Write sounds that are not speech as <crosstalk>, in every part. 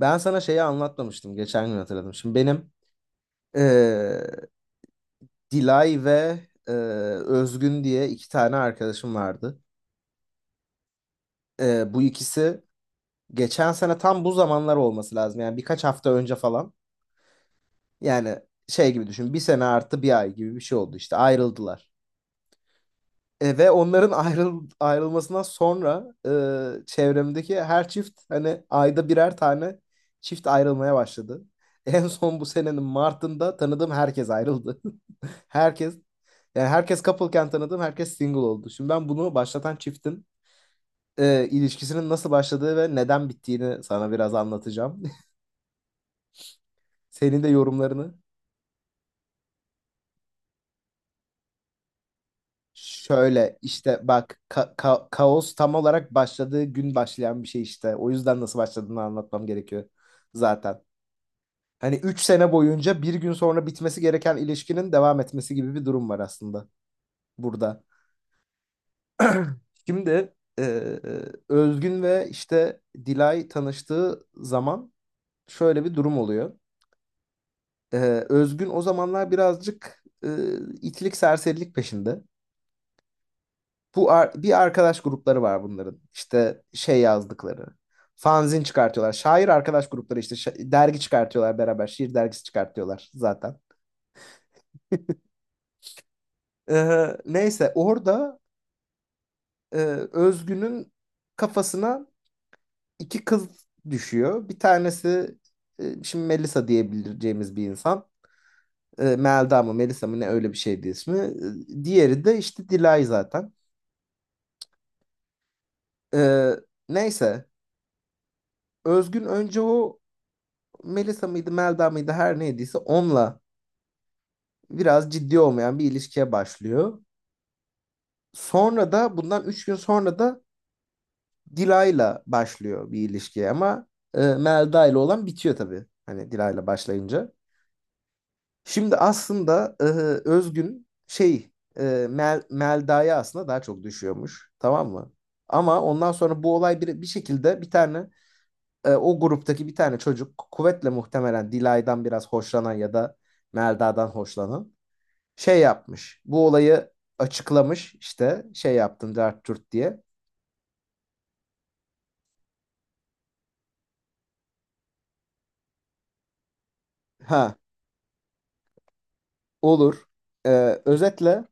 Ben sana şeyi anlatmamıştım. Geçen gün hatırladım. Şimdi benim eee, Dilay ve eee, Özgün diye iki tane arkadaşım vardı. Bu ikisi geçen sene tam bu zamanlar olması lazım. Yani birkaç hafta önce falan. Yani şey gibi düşün. Bir sene artı bir ay gibi bir şey oldu işte. Ayrıldılar. Ve onların ayrılmasından sonra çevremdeki her çift hani ayda birer tane çift ayrılmaya başladı. <laughs> En son bu senenin Mart'ında tanıdığım herkes ayrıldı. <laughs> Herkes, yani herkes couple'ken tanıdığım herkes single oldu. Şimdi ben bunu başlatan çiftin ilişkisinin nasıl başladığı ve neden bittiğini sana biraz anlatacağım. <laughs> Senin de yorumlarını. Şöyle işte bak, kaos tam olarak başladığı gün başlayan bir şey işte. O yüzden nasıl başladığını anlatmam gerekiyor zaten. Hani 3 sene boyunca bir gün sonra bitmesi gereken ilişkinin devam etmesi gibi bir durum var aslında burada. <clears throat> Şimdi e, Özgün ve işte Dilay tanıştığı zaman şöyle bir durum oluyor. E, Özgün o zamanlar birazcık itlik serserilik peşinde. Bir arkadaş grupları var bunların. İşte şey yazdıkları. Fanzin çıkartıyorlar. Şair arkadaş grupları işte dergi çıkartıyorlar beraber. Şiir dergisi çıkartıyorlar zaten. Neyse orada e, Özgün'ün kafasına iki kız düşüyor. Bir tanesi şimdi Melisa diyebileceğimiz bir insan. Melda mı Melisa mı ne öyle bir şeydi ismi. Diğeri de işte Dilay zaten. E, Neyse Özgün önce o Melisa mıydı, Melda mıydı her neydiyse onunla biraz ciddi olmayan bir ilişkiye başlıyor. Sonra da bundan 3 gün sonra da Dilay'la başlıyor bir ilişkiye ama Melda ile olan bitiyor tabii. Hani Dilay'la başlayınca. Şimdi aslında Özgün şey, Melda'ya aslında daha çok düşüyormuş. Tamam mı? Ama ondan sonra bu olay bir şekilde bir tane o gruptaki bir tane çocuk, kuvvetle muhtemelen Dilay'dan biraz hoşlanan ya da Melda'dan hoşlanan, şey yapmış. Bu olayı açıklamış, işte şey yaptım dert cürt diye. Ha, olur. Özetle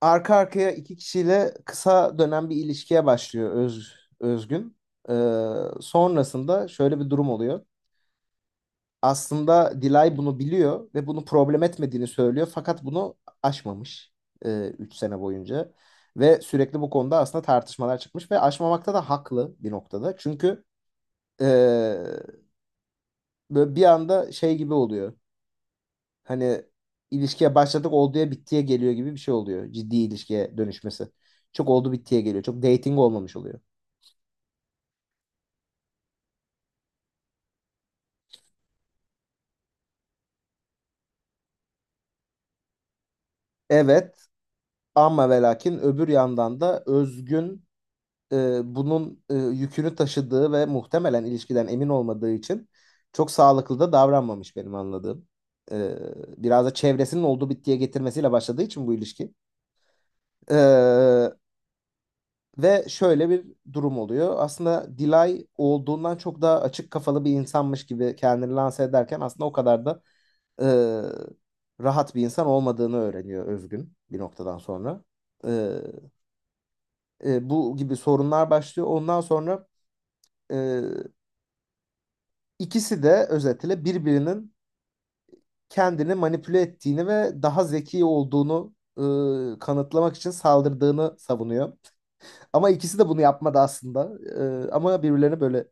arka arkaya iki kişiyle kısa dönem bir ilişkiye başlıyor Özgün. Sonrasında şöyle bir durum oluyor. Aslında Dilay bunu biliyor ve bunu problem etmediğini söylüyor fakat bunu aşmamış 3 sene boyunca. Ve sürekli bu konuda aslında tartışmalar çıkmış ve aşmamakta da haklı bir noktada. Çünkü e, böyle bir anda şey gibi oluyor. Hani ilişkiye başladık, olduya bittiye geliyor gibi bir şey oluyor. Ciddi ilişkiye dönüşmesi. Çok oldu bittiye geliyor. Çok dating olmamış oluyor. Evet, ama ve lakin öbür yandan da Özgün bunun yükünü taşıdığı ve muhtemelen ilişkiden emin olmadığı için çok sağlıklı da davranmamış, benim anladığım. E, Biraz da çevresinin oldu bittiye getirmesiyle başladığı için bu ilişki. E, Ve şöyle bir durum oluyor. Aslında Dilay olduğundan çok daha açık kafalı bir insanmış gibi kendini lanse ederken aslında o kadar da e, rahat bir insan olmadığını öğreniyor Özgün bir noktadan sonra. E, Bu gibi sorunlar başlıyor. Ondan sonra e, ikisi de özetle birbirinin kendini manipüle ettiğini ve daha zeki olduğunu kanıtlamak için saldırdığını savunuyor. Ama ikisi de bunu yapmadı aslında. Ama birbirlerini böyle.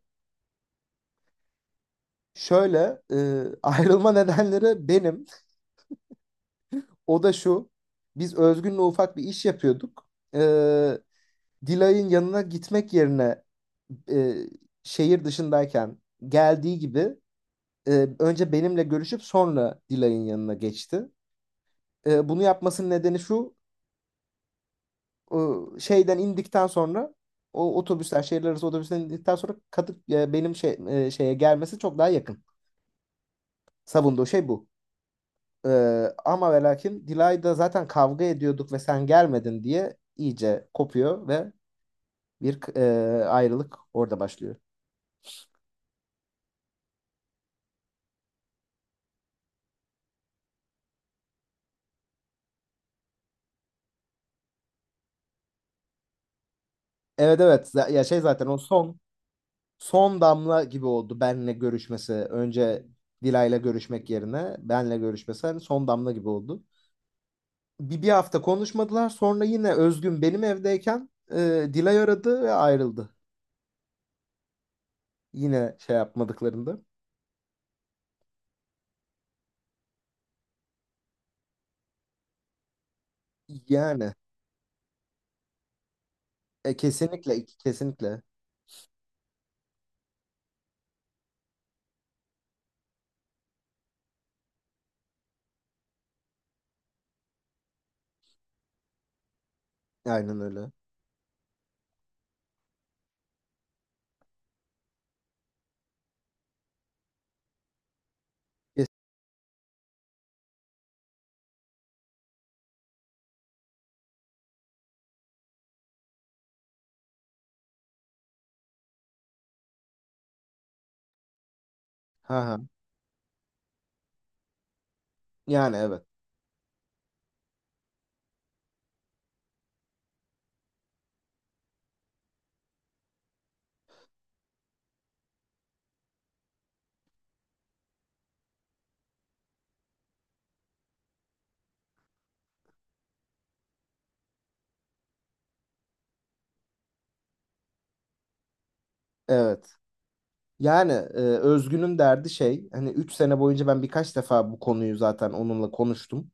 Şöyle <laughs> ayrılma nedenleri benim. O da şu. Biz Özgün'le ufak bir iş yapıyorduk. E, Dilay'ın yanına gitmek yerine e, şehir dışındayken geldiği gibi önce benimle görüşüp sonra Dilay'ın yanına geçti. Bunu yapmasının nedeni şu. Şeyden indikten sonra, o otobüsler, şehirler arası otobüsten indikten sonra benim şey, şeye gelmesi çok daha yakın. Savunduğu şey bu. Ama ve lakin Dilay'da zaten kavga ediyorduk ve sen gelmedin diye iyice kopuyor ve bir ayrılık orada başlıyor. Evet, evet, ya şey zaten o son damla gibi oldu benle görüşmesi. Önce Dilay'la görüşmek yerine benle görüşmesi hani son damla gibi oldu. Bir hafta konuşmadılar, sonra yine Özgün benim evdeyken Dilay aradı ve ayrıldı. Yine şey yapmadıklarında. Yani kesinlikle, kesinlikle. Aynen öyle. Kes- Ha ha. Yani evet. Evet. Yani Özgün'ün derdi şey, hani 3 sene boyunca ben birkaç defa bu konuyu zaten onunla konuştum.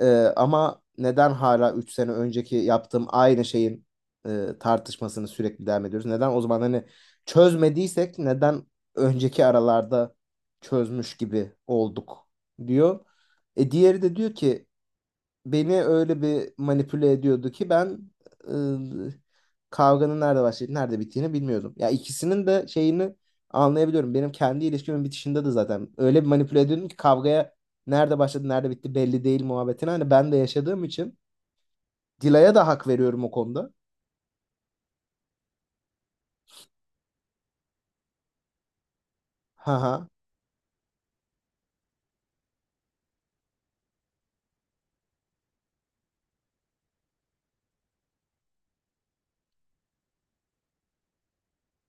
E, Ama neden hala 3 sene önceki yaptığım aynı şeyin tartışmasını sürekli devam ediyoruz? Neden o zaman, hani çözmediysek, neden önceki aralarda çözmüş gibi olduk, diyor. Diğeri de diyor ki, beni öyle bir manipüle ediyordu ki ben ıı, kavganın nerede başlayıp nerede bittiğini bilmiyordum. Ya, ikisinin de şeyini anlayabiliyorum. Benim kendi ilişkimin bitişinde de zaten öyle bir manipüle ediyordum ki kavgaya nerede başladı nerede bitti belli değil muhabbetini. Hani ben de yaşadığım için Dila'ya da hak veriyorum o konuda. Haha,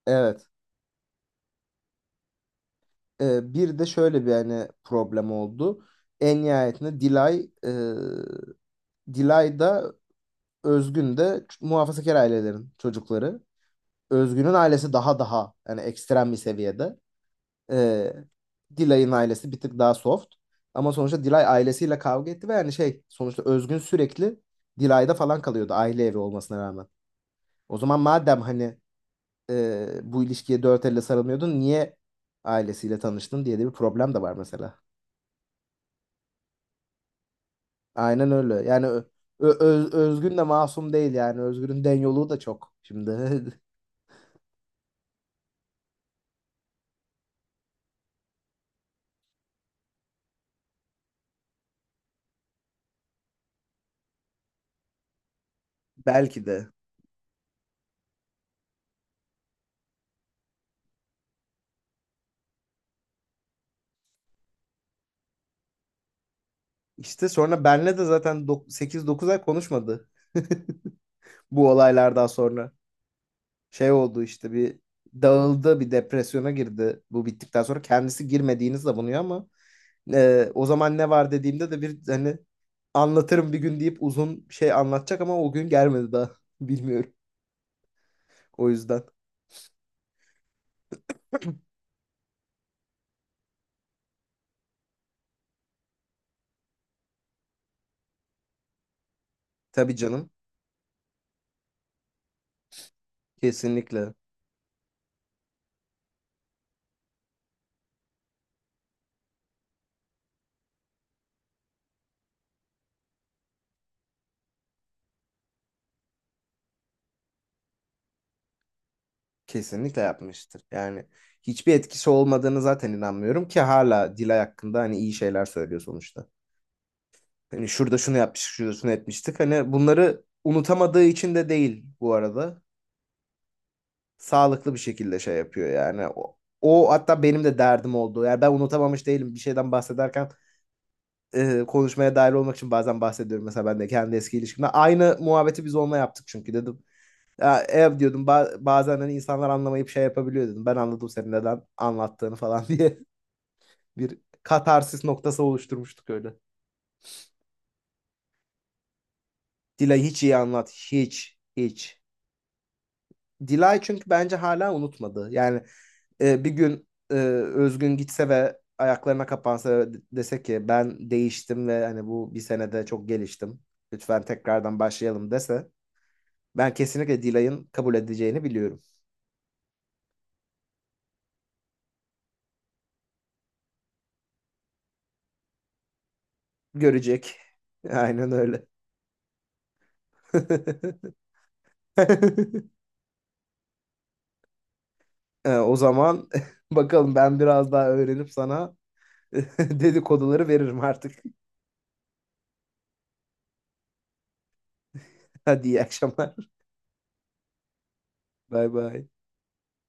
evet. Bir de şöyle bir hani problem oldu. En nihayetinde Dilay da Özgün de muhafazakar ailelerin çocukları. Özgün'ün ailesi daha yani ekstrem bir seviyede. Ee, Dilay'ın ailesi bir tık daha soft. Ama sonuçta Dilay ailesiyle kavga etti ve yani şey, sonuçta Özgün sürekli Dilay'da falan kalıyordu aile evi olmasına rağmen. O zaman madem hani bu ilişkiye dört elle sarılmıyordun niye ailesiyle tanıştın diye de bir problem de var mesela. Aynen öyle. Yani Özgün de masum değil yani. Özgün'ün den yolu da çok. Şimdi <laughs> belki de. İşte sonra benle de zaten 8-9 ay konuşmadı. <laughs> Bu olaylardan sonra şey oldu işte, bir dağıldı, bir depresyona girdi bu bittikten sonra. Kendisi girmediğini savunuyor ama o zaman ne var dediğimde de, bir hani anlatırım bir gün deyip uzun şey anlatacak ama o gün gelmedi daha. <laughs> Bilmiyorum, o yüzden. Tabii canım, kesinlikle kesinlikle yapmıştır yani. Hiçbir etkisi olmadığını zaten inanmıyorum ki, hala Dilay hakkında hani iyi şeyler söylüyor sonuçta. Hani şurada şunu yapmıştık, şurada şunu etmiştik. Hani bunları unutamadığı için de değil bu arada. Sağlıklı bir şekilde şey yapıyor yani. O hatta benim de derdim oldu. Yani ben unutamamış değilim, bir şeyden bahsederken konuşmaya dahil olmak için bazen bahsediyorum. Mesela ben de kendi eski ilişkimde. Aynı muhabbeti biz onunla yaptık çünkü, dedim. Ya, ev diyordum bazen hani insanlar anlamayıp şey yapabiliyor, dedim. Ben anladım senin neden anlattığını falan diye <laughs> bir katarsis noktası oluşturmuştuk öyle. Dilay hiç iyi anlat. Hiç. Hiç. Dilay, çünkü bence hala unutmadı. Yani bir gün Özgün gitse ve ayaklarına kapansa ve dese ki ben değiştim ve hani bu bir senede çok geliştim, lütfen tekrardan başlayalım dese, ben kesinlikle Dilay'ın kabul edeceğini biliyorum. Görecek. <laughs> Aynen öyle. <laughs> O zaman <laughs> bakalım, ben biraz daha öğrenip sana <laughs> dedikoduları veririm artık. <laughs> Hadi, iyi akşamlar. Bay bay.